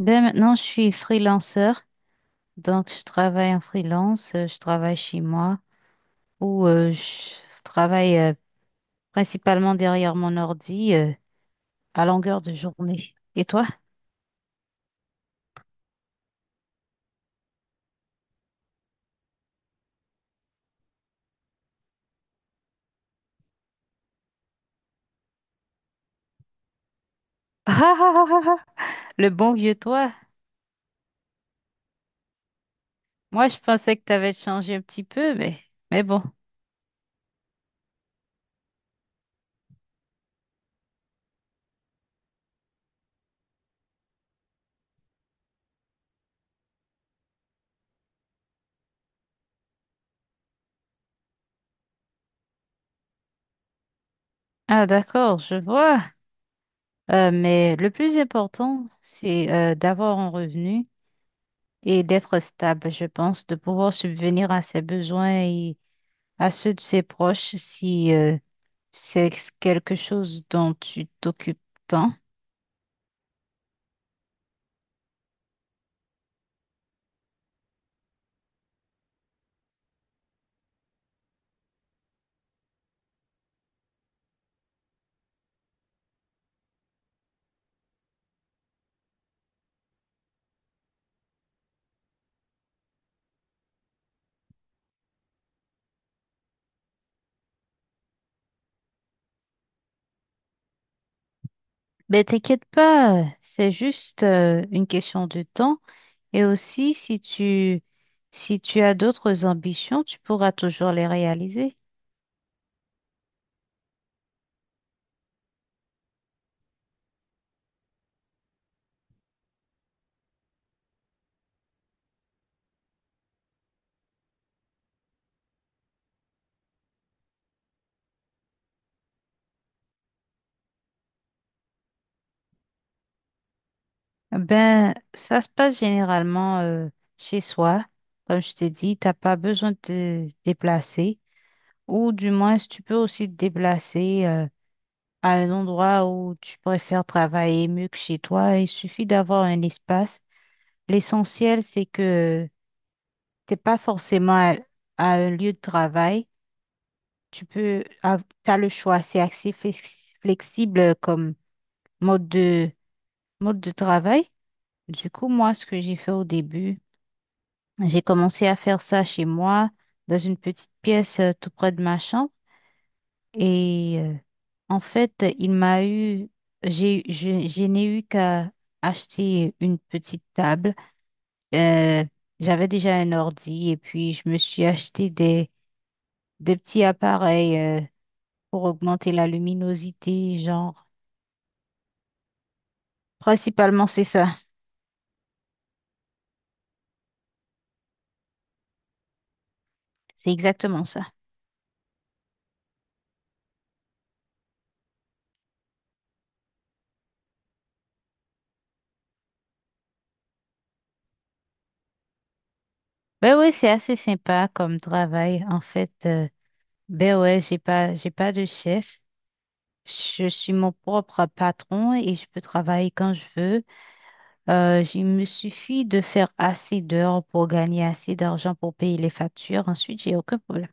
Ben maintenant, je suis freelanceur, donc je travaille en freelance, je travaille chez moi ou je travaille principalement derrière mon ordi à longueur de journée. Et toi? Ah, ah, ah, ah, ah, le bon vieux toi. Moi, je pensais que tu avais changé un petit peu, mais bon. Ah, d'accord, je vois. Mais le plus important, c'est d'avoir un revenu et d'être stable, je pense, de pouvoir subvenir à ses besoins et à ceux de ses proches si... C'est quelque chose dont tu t'occupes tant. Mais t'inquiète pas, c'est juste une question de temps. Et aussi, si tu as d'autres ambitions, tu pourras toujours les réaliser. Ben, ça se passe généralement chez soi. Comme je t'ai dit, t'as pas besoin de te déplacer. Ou du moins, tu peux aussi te déplacer à un endroit où tu préfères travailler mieux que chez toi. Il suffit d'avoir un espace. L'essentiel, c'est que t'es pas forcément à un lieu de travail. Tu peux, tu as le choix, c'est assez flexible comme mode de, mode de travail. Du coup, moi, ce que j'ai fait au début, j'ai commencé à faire ça chez moi, dans une petite pièce tout près de ma chambre. Et en fait, il m'a eu, j'ai, je n'ai eu qu'à acheter une petite table. Euh, j'avais déjà un ordi et puis je me suis acheté des petits appareils pour augmenter la luminosité, genre. Principalement, c'est ça. C'est exactement ça. Ben ouais, c'est assez sympa comme travail. En fait, ben ouais, j'ai pas de chef. Je suis mon propre patron et je peux travailler quand je veux. Il me suffit de faire assez d'heures pour gagner assez d'argent pour payer les factures. Ensuite, j'ai aucun problème.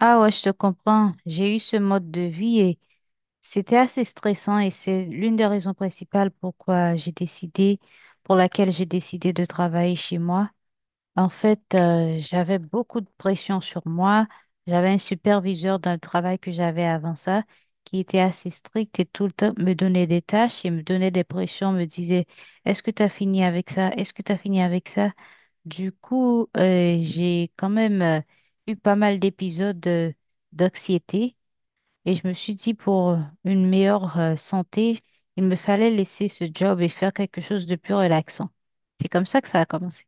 Ah ouais, je te comprends. J'ai eu ce mode de vie et c'était assez stressant et c'est l'une des raisons principales pour laquelle j'ai décidé de travailler chez moi. En fait, j'avais beaucoup de pression sur moi. J'avais un superviseur dans le travail que j'avais avant ça qui était assez strict et tout le temps me donnait des tâches et me donnait des pressions, me disait, est-ce que tu as fini avec ça? Est-ce que tu as fini avec ça? Du coup, j'ai quand même eu pas mal d'anxiété et je me suis dit pour une meilleure santé, il me fallait laisser ce job et faire quelque chose de plus relaxant. C'est comme ça que ça a commencé.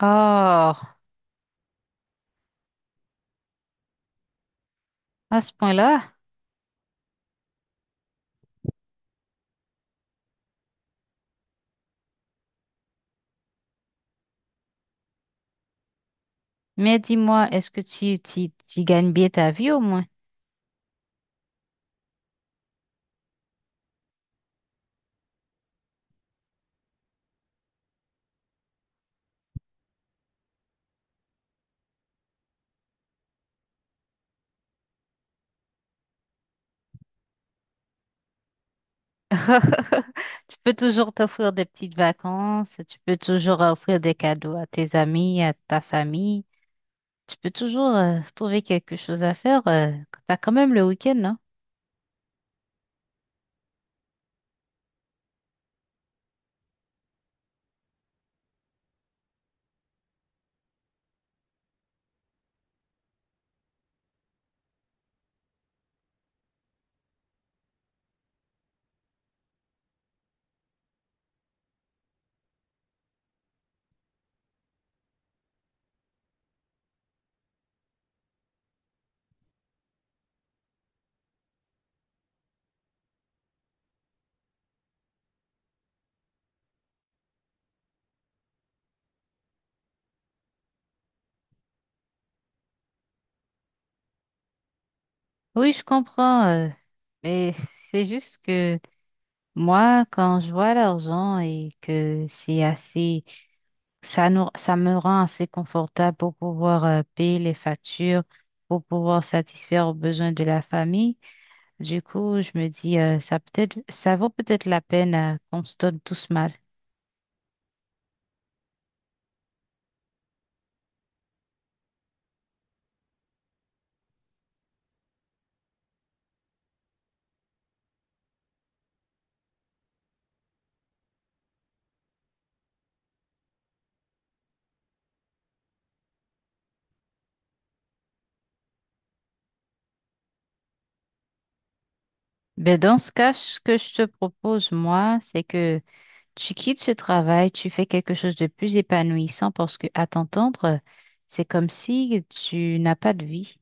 Oh, à ce point-là. Mais dis-moi, est-ce que tu gagnes bien ta vie au moins? Tu peux toujours t'offrir des petites vacances, tu peux toujours offrir des cadeaux à tes amis, à ta famille. Tu peux toujours trouver quelque chose à faire. T'as quand même le week-end, hein. Oui, je comprends. Mais c'est juste que moi, quand je vois l'argent et que c'est assez, ça me rend assez confortable pour pouvoir payer les factures, pour pouvoir satisfaire aux besoins de la famille. Du coup, je me dis, ça ça vaut peut-être la peine qu'on se donne tous mal. Ben, dans ce cas, ce que je te propose, moi, c'est que tu quittes ce travail, tu fais quelque chose de plus épanouissant parce que, à t'entendre, c'est comme si tu n'as pas de vie.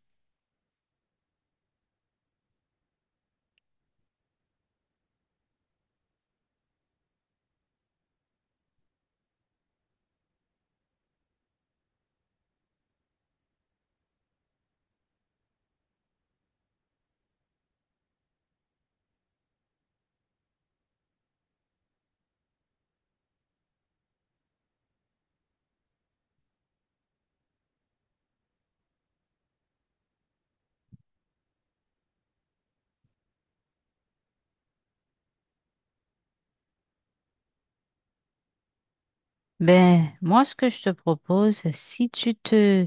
Ben, moi, ce que je te propose,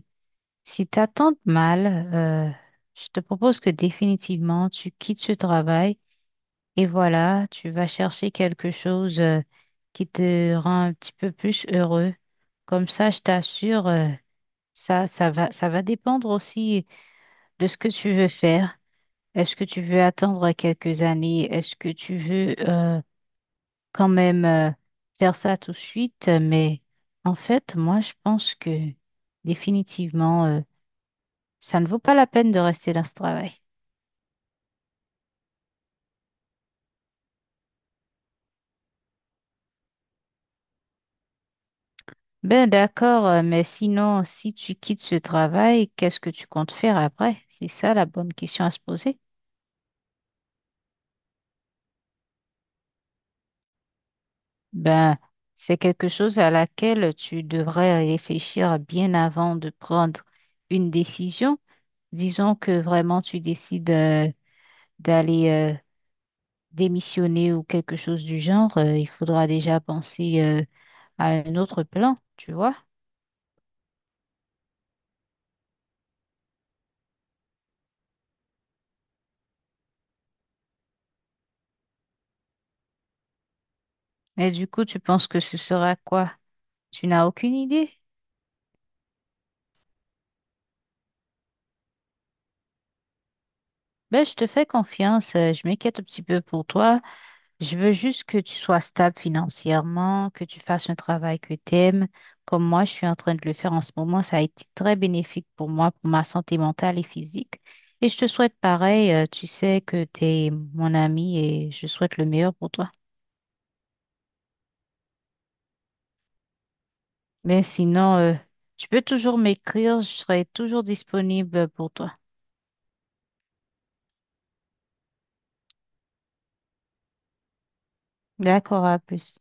si t'attends mal, euh, je te propose que définitivement tu quittes ce travail et voilà, tu vas chercher quelque chose, qui te rend un petit peu plus heureux. Comme ça, je t'assure, ça va dépendre aussi de ce que tu veux faire. Est-ce que tu veux attendre quelques années? Est-ce que tu veux quand même faire ça tout de suite? Mais en fait, moi, je pense que définitivement, ça ne vaut pas la peine de rester dans ce travail. Ben d'accord, mais sinon, si tu quittes ce travail, qu'est-ce que tu comptes faire après? C'est ça la bonne question à se poser. Ben, c'est quelque chose à laquelle tu devrais réfléchir bien avant de prendre une décision. Disons que vraiment tu décides. D'aller démissionner ou quelque chose du genre, il faudra déjà penser à un autre plan, tu vois. Mais du coup, tu penses que ce sera quoi? Tu n'as aucune idée? Ben, je te fais confiance, je m'inquiète un petit peu pour toi. Je veux juste que tu sois stable financièrement, que tu fasses un travail que tu aimes. Comme moi, je suis en train de le faire en ce moment, ça a été très bénéfique pour moi, pour ma santé mentale et physique. Et je te souhaite pareil, tu sais que tu es mon ami et je souhaite le meilleur pour toi. Mais sinon, tu peux toujours m'écrire, je serai toujours disponible pour toi. D'accord, à plus.